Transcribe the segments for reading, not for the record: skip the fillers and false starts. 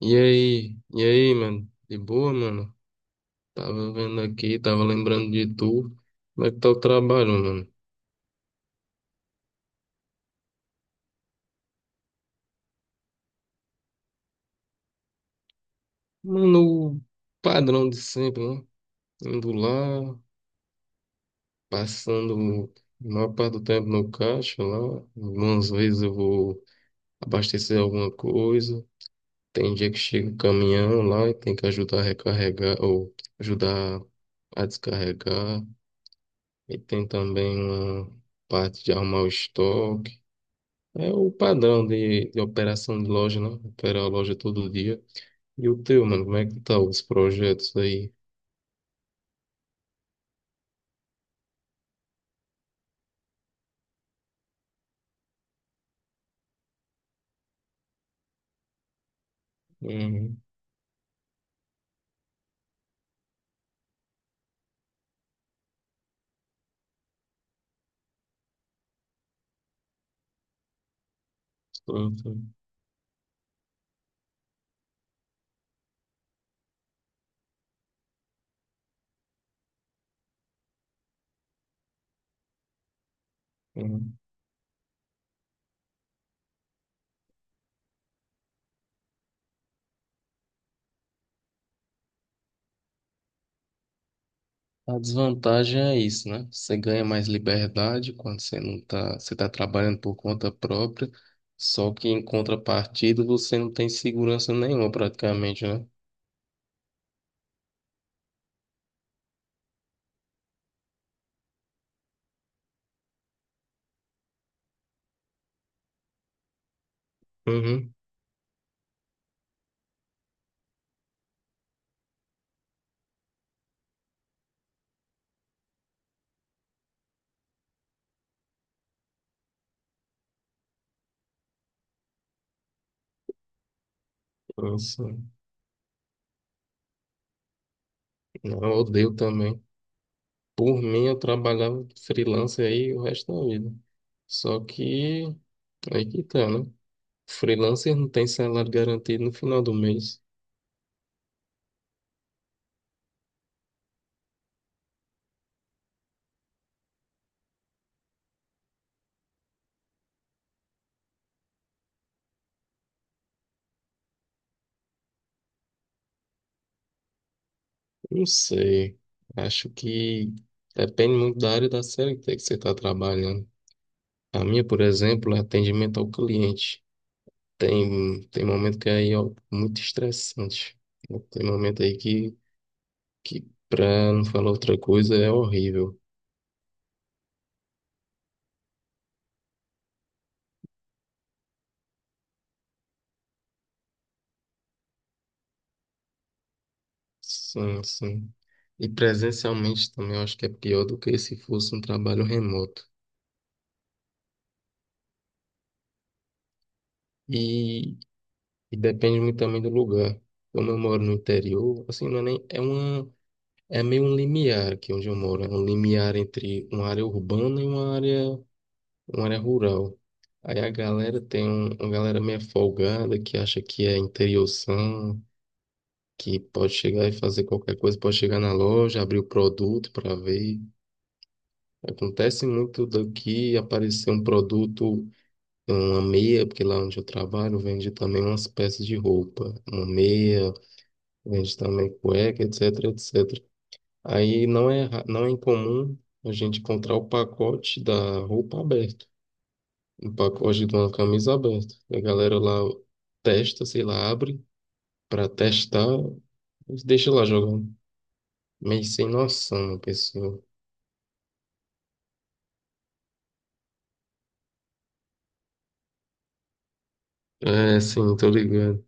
E aí, mano? De boa, mano? Tava vendo aqui, tava lembrando de tu. Como é que tá o trabalho, mano? Mano, o padrão de sempre, né? Indo lá, passando a maior parte do tempo no caixa lá. Algumas vezes eu vou abastecer alguma coisa. Tem dia que chega o caminhão lá e tem que ajudar a recarregar ou ajudar a descarregar. E tem também uma parte de arrumar o estoque. É o padrão de operação de loja, né? Operar a loja todo dia. E o teu, mano, como é que tá os projetos aí? Uhum. tô- tô- uhum. A desvantagem é isso, né? Você ganha mais liberdade quando você não tá, você tá trabalhando por conta própria, só que em contrapartida você não tem segurança nenhuma praticamente, né? Uhum. Nossa, não, eu odeio também. Por mim, eu trabalhava freelancer aí o resto da vida. Só que aí que tá, né? Freelancer não tem salário garantido no final do mês. Não sei. Acho que depende muito da área da CLT que você está trabalhando. A minha, por exemplo, é atendimento ao cliente. Tem momento que aí é muito estressante. Tem momento aí que para não falar outra coisa, é horrível. Sim, sim. E presencialmente também eu acho que é pior do que se fosse um trabalho remoto. E E depende muito também do lugar. Como eu moro no interior, assim, não é nem, é uma, é meio um limiar aqui onde eu moro. É um limiar entre uma área urbana e uma área rural. Aí a galera uma galera meio folgada que acha que é interiorzão, que pode chegar e fazer qualquer coisa, pode chegar na loja, abrir o produto para ver. Acontece muito daqui aparecer um produto, uma meia, porque lá onde eu trabalho vende também umas peças de roupa, uma meia. Vende também cueca, etc, etc. Aí não é, ra- Não é incomum a gente encontrar o pacote da roupa aberto, um pacote de uma camisa aberta. A galera lá testa, sei lá, abre para testar e deixa lá jogando. Meio sem noção, uma pessoa. É, sim, tô ligado.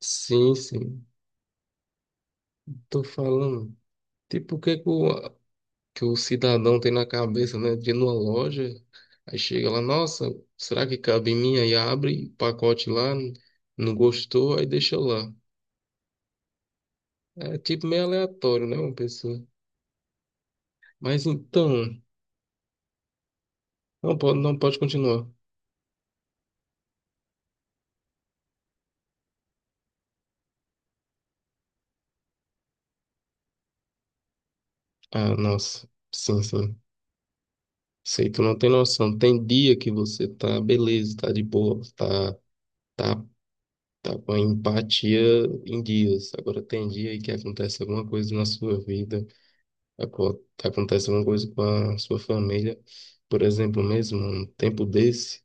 Sim, sim, tô falando. Tipo, o que é que o cidadão tem na cabeça, né? De ir numa loja, aí chega lá, nossa, será que cabe em mim? Aí abre o pacote lá, não gostou, aí deixa lá. É tipo meio aleatório, né, uma pessoa. Mas então, não pode, não pode continuar. Ah, nossa, sim, sim. Sei, tu não tem noção. Tem dia que você tá beleza, tá de boa, tá, tá com a empatia em dias. Agora tem dia aí que acontece alguma coisa na sua vida. Acontece alguma coisa com a sua família. Por exemplo, mesmo um tempo desse,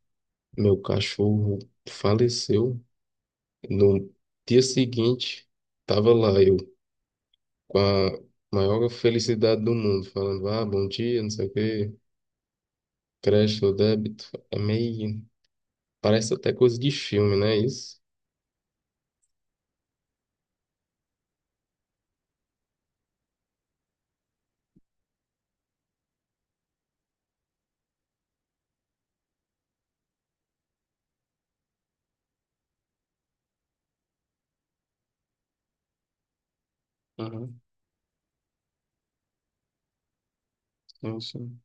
meu cachorro faleceu. No dia seguinte, estava lá eu com a maior felicidade do mundo, falando: Ah, bom dia, não sei o quê, crédito ou débito. É meio. Parece até coisa de filme, né? Isso. Uhum, sim, sim.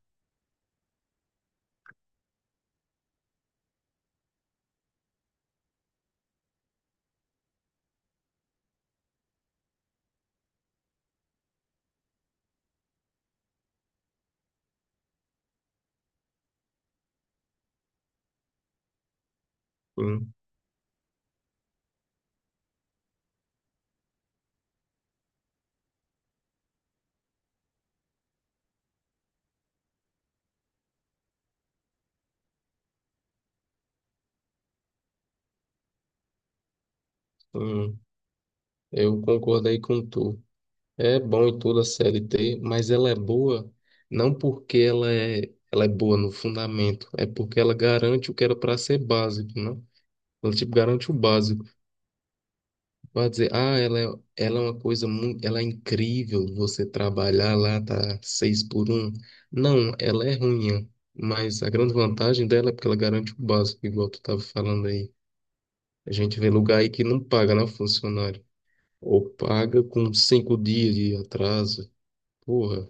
Hum, hum. Eu concordei com tu. É bom em toda a C L T, mas ela é boa não porque ela é boa no fundamento, é porque ela garante o que era para ser básico, né? Ela, tipo, garante o básico. Vai dizer, ah, ela é uma coisa muito, ela é incrível você trabalhar lá, tá seis por um. Não, ela é ruim, mas a grande vantagem dela é porque ela garante o básico, igual tu tava falando aí. A gente vê lugar aí que não paga, né, funcionário? Ou paga com cinco dias de atraso. Porra.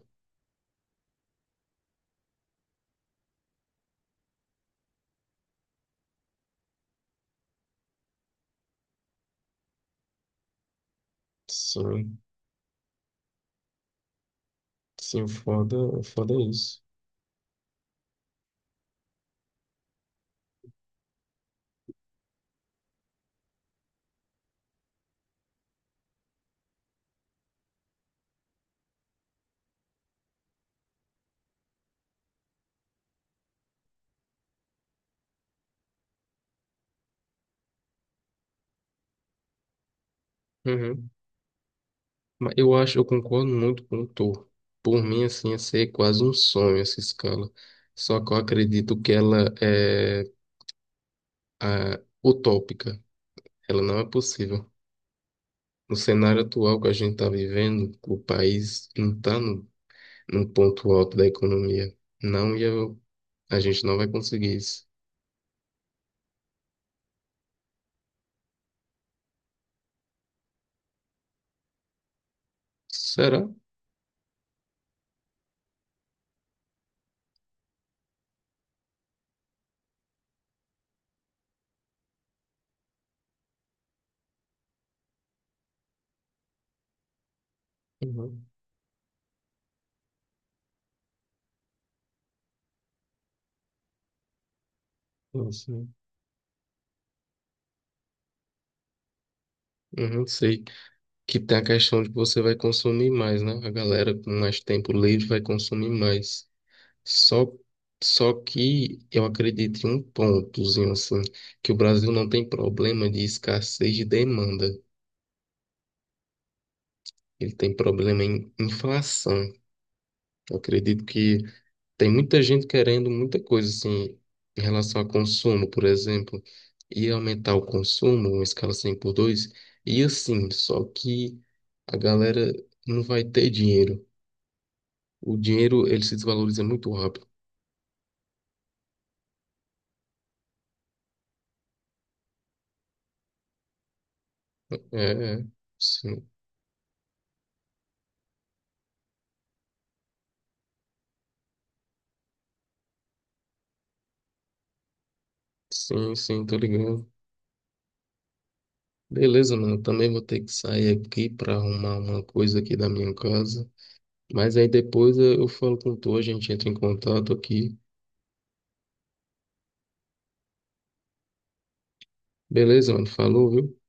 Sim. Sim, o foda é isso. Uhum. Mas eu concordo muito com o Thor. Por mim, assim, ia ser quase um sonho essa escala. Só que eu acredito que ela é utópica. Ela não é possível. No cenário atual que a gente está vivendo, o país não está no ponto alto da economia. Não ia, a gente não vai conseguir isso. Será? Uhum. Não sei. Uhum, sei. Que tem a questão de que você vai consumir mais, né? A galera com mais tempo livre vai consumir mais. Só, só que eu acredito em um pontozinho assim, que o Brasil não tem problema de escassez de demanda. Ele tem problema em inflação. Eu acredito que tem muita gente querendo muita coisa assim em relação a consumo, por exemplo, e aumentar o consumo, uma escala 100 por 2 e assim, só que a galera não vai ter dinheiro. O dinheiro, ele se desvaloriza muito rápido. É, é. Sim, sim, sim, tô ligando. Beleza, mano, também vou ter que sair aqui para arrumar uma coisa aqui da minha casa. Mas aí depois eu falo com tu, a gente entra em contato aqui. Beleza, mano, falou, viu?